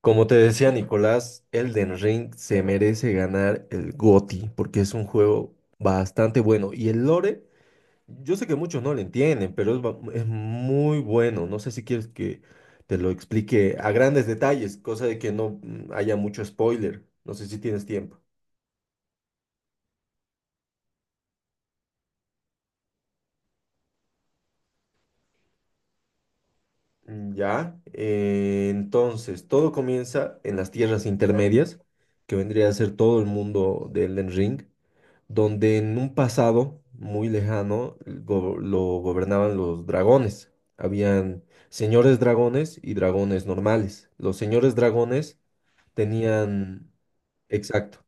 Como te decía Nicolás, Elden Ring se merece ganar el GOTY porque es un juego bastante bueno. Y el lore, yo sé que muchos no lo entienden, pero es muy bueno. No sé si quieres que te lo explique a grandes detalles, cosa de que no haya mucho spoiler. No sé si tienes tiempo. Mm, ya, entonces todo comienza en las tierras intermedias, que vendría a ser todo el mundo de Elden Ring, donde en un pasado muy lejano lo gobernaban los dragones. Habían señores dragones y dragones normales. Los señores dragones tenían. Exacto.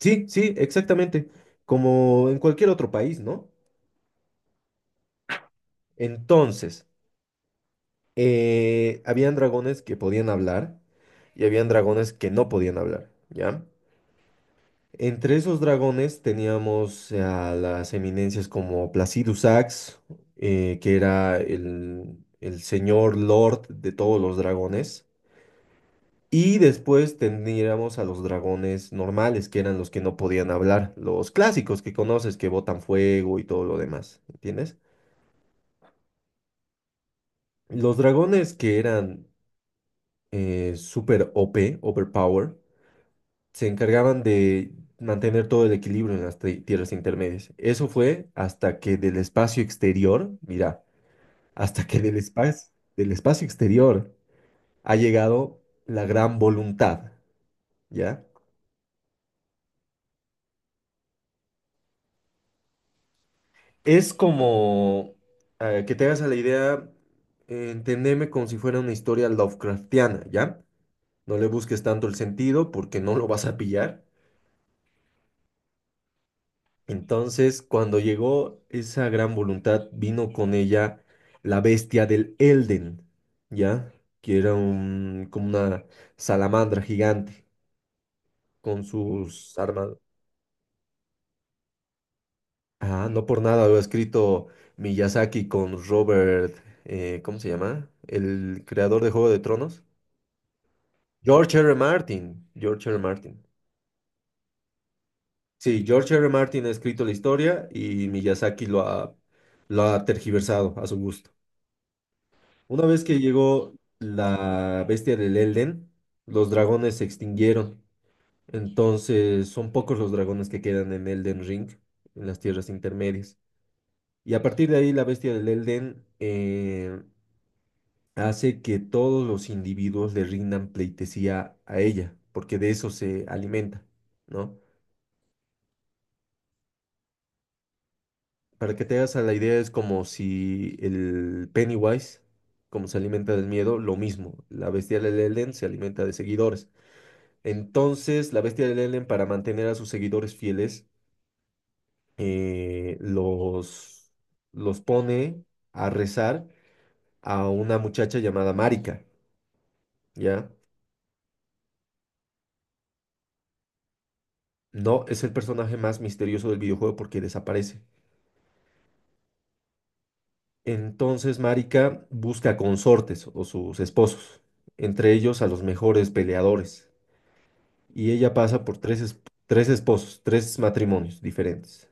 Sí, sí, exactamente. Como en cualquier otro país, ¿no? Entonces, habían dragones que podían hablar y habían dragones que no podían hablar, ¿ya? Entre esos dragones teníamos a las eminencias como Placidus Sax, que era el señor lord de todos los dragones. Y después tendríamos a los dragones normales, que eran los que no podían hablar, los clásicos que conoces, que botan fuego y todo lo demás, ¿entiendes? Los dragones que eran super OP, overpower, se encargaban de mantener todo el equilibrio en las tierras intermedias. Eso fue hasta que del espacio exterior, mira, hasta que del espacio exterior ha llegado la gran voluntad, ¿ya? Es como que te hagas a la idea, entendeme como si fuera una historia Lovecraftiana, ¿ya? No le busques tanto el sentido porque no lo vas a pillar. Entonces, cuando llegó esa gran voluntad, vino con ella la bestia del Elden, ¿ya? Que era como una salamandra gigante con sus armas. Ah, no por nada lo ha escrito Miyazaki con Robert, ¿cómo se llama? El creador de Juego de Tronos. George R. R. Martin. George R. R. Martin. Sí, George R. R. Martin ha escrito la historia y Miyazaki lo ha tergiversado a su gusto. Una vez que llegó la bestia del Elden, los dragones se extinguieron. Entonces son pocos los dragones que quedan en Elden Ring, en las tierras intermedias. Y a partir de ahí la bestia del Elden hace que todos los individuos le rindan pleitesía a ella, porque de eso se alimenta, ¿no? Para que te hagas a la idea es como si el Pennywise, como se alimenta del miedo, lo mismo. La bestia del Elden se alimenta de seguidores. Entonces, la bestia de Lelen, para mantener a sus seguidores fieles, eh, los, los pone a rezar a una muchacha llamada Marika, ¿ya? No, es el personaje más misterioso del videojuego porque desaparece. Entonces, Marika busca consortes o sus esposos, entre ellos a los mejores peleadores. Y ella pasa por tres esposos, tres matrimonios diferentes.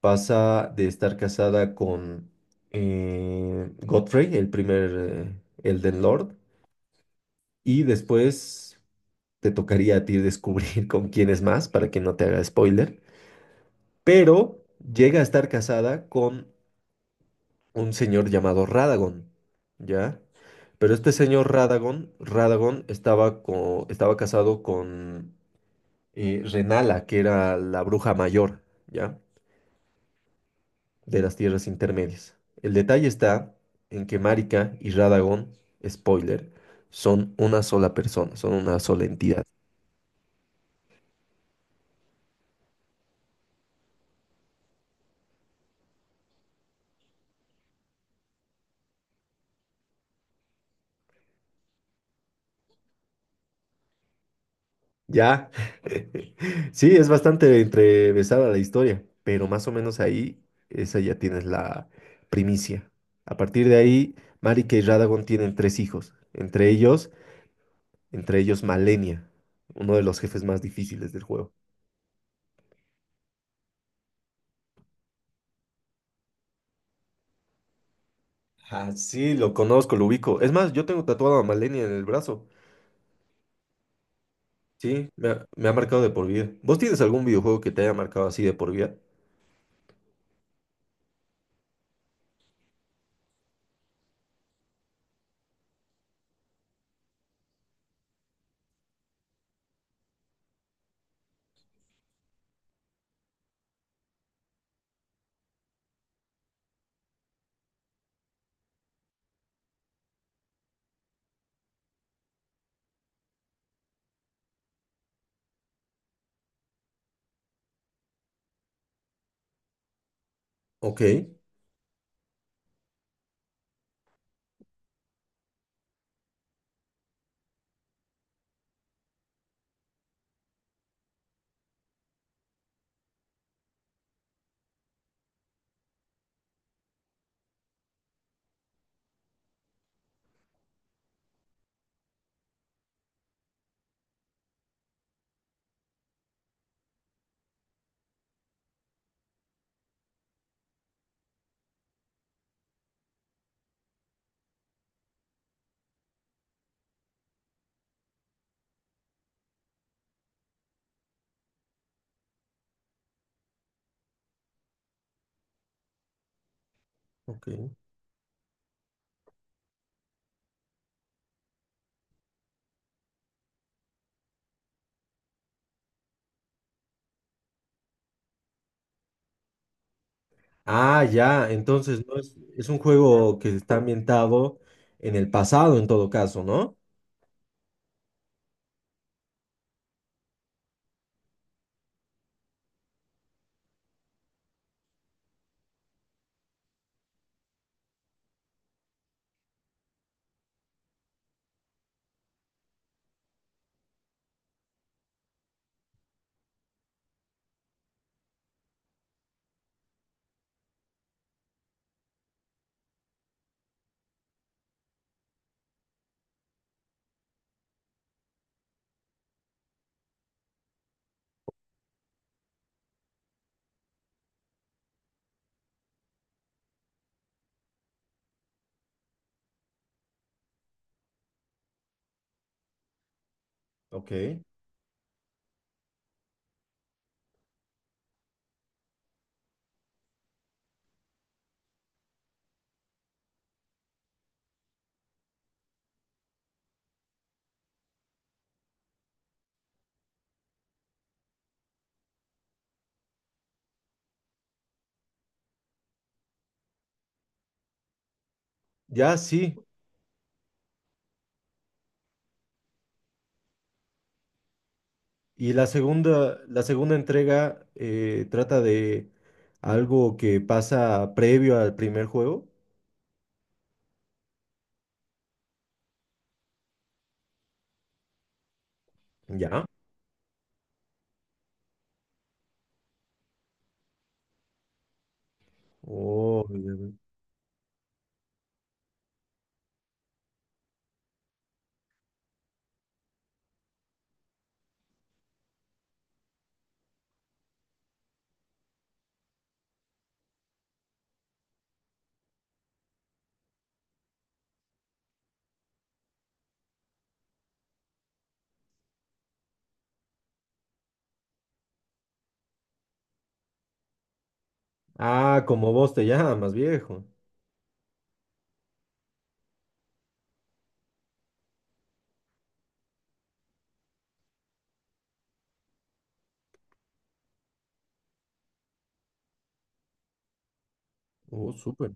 Pasa de estar casada con Godfrey, el primer Elden Lord, y después te tocaría a ti descubrir con quién es más para que no te haga spoiler, pero llega a estar casada con un señor llamado Radagon, ¿ya? Pero este señor Radagon estaba casado con Renala, que era la bruja mayor, ¿ya? De las tierras intermedias. El detalle está en que Marika y Radagón, spoiler, son una sola persona, son una sola entidad. Ya. Sí, es bastante entrevesada la historia, pero más o menos ahí, esa ya tienes la primicia. A partir de ahí, Marika y Radagon tienen tres hijos, entre ellos Malenia, uno de los jefes más difíciles del juego. Ah, sí, lo conozco, lo ubico. Es más, yo tengo tatuado a Malenia en el brazo. Sí, me ha marcado de por vida. ¿Vos tienes algún videojuego que te haya marcado así de por vida? Ok, ok. Ah, ya, entonces no es, es un juego que está ambientado en el pasado en todo caso, ¿no? Ok. Ya, sí. Y la segunda entrega trata de algo que pasa previo al primer juego. Ya. Oh, ya veo. Ah, como vos te llamas, viejo. Oh, súper.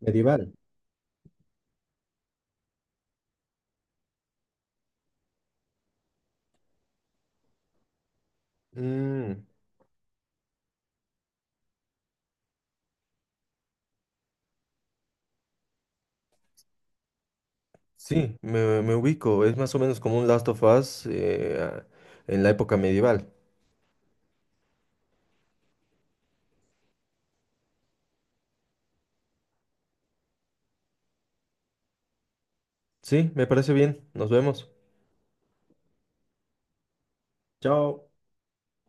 Medieval. Mm. Sí, me ubico. Es más o menos como un Last of Us en la época medieval. Sí, me parece bien. Nos vemos. Chao.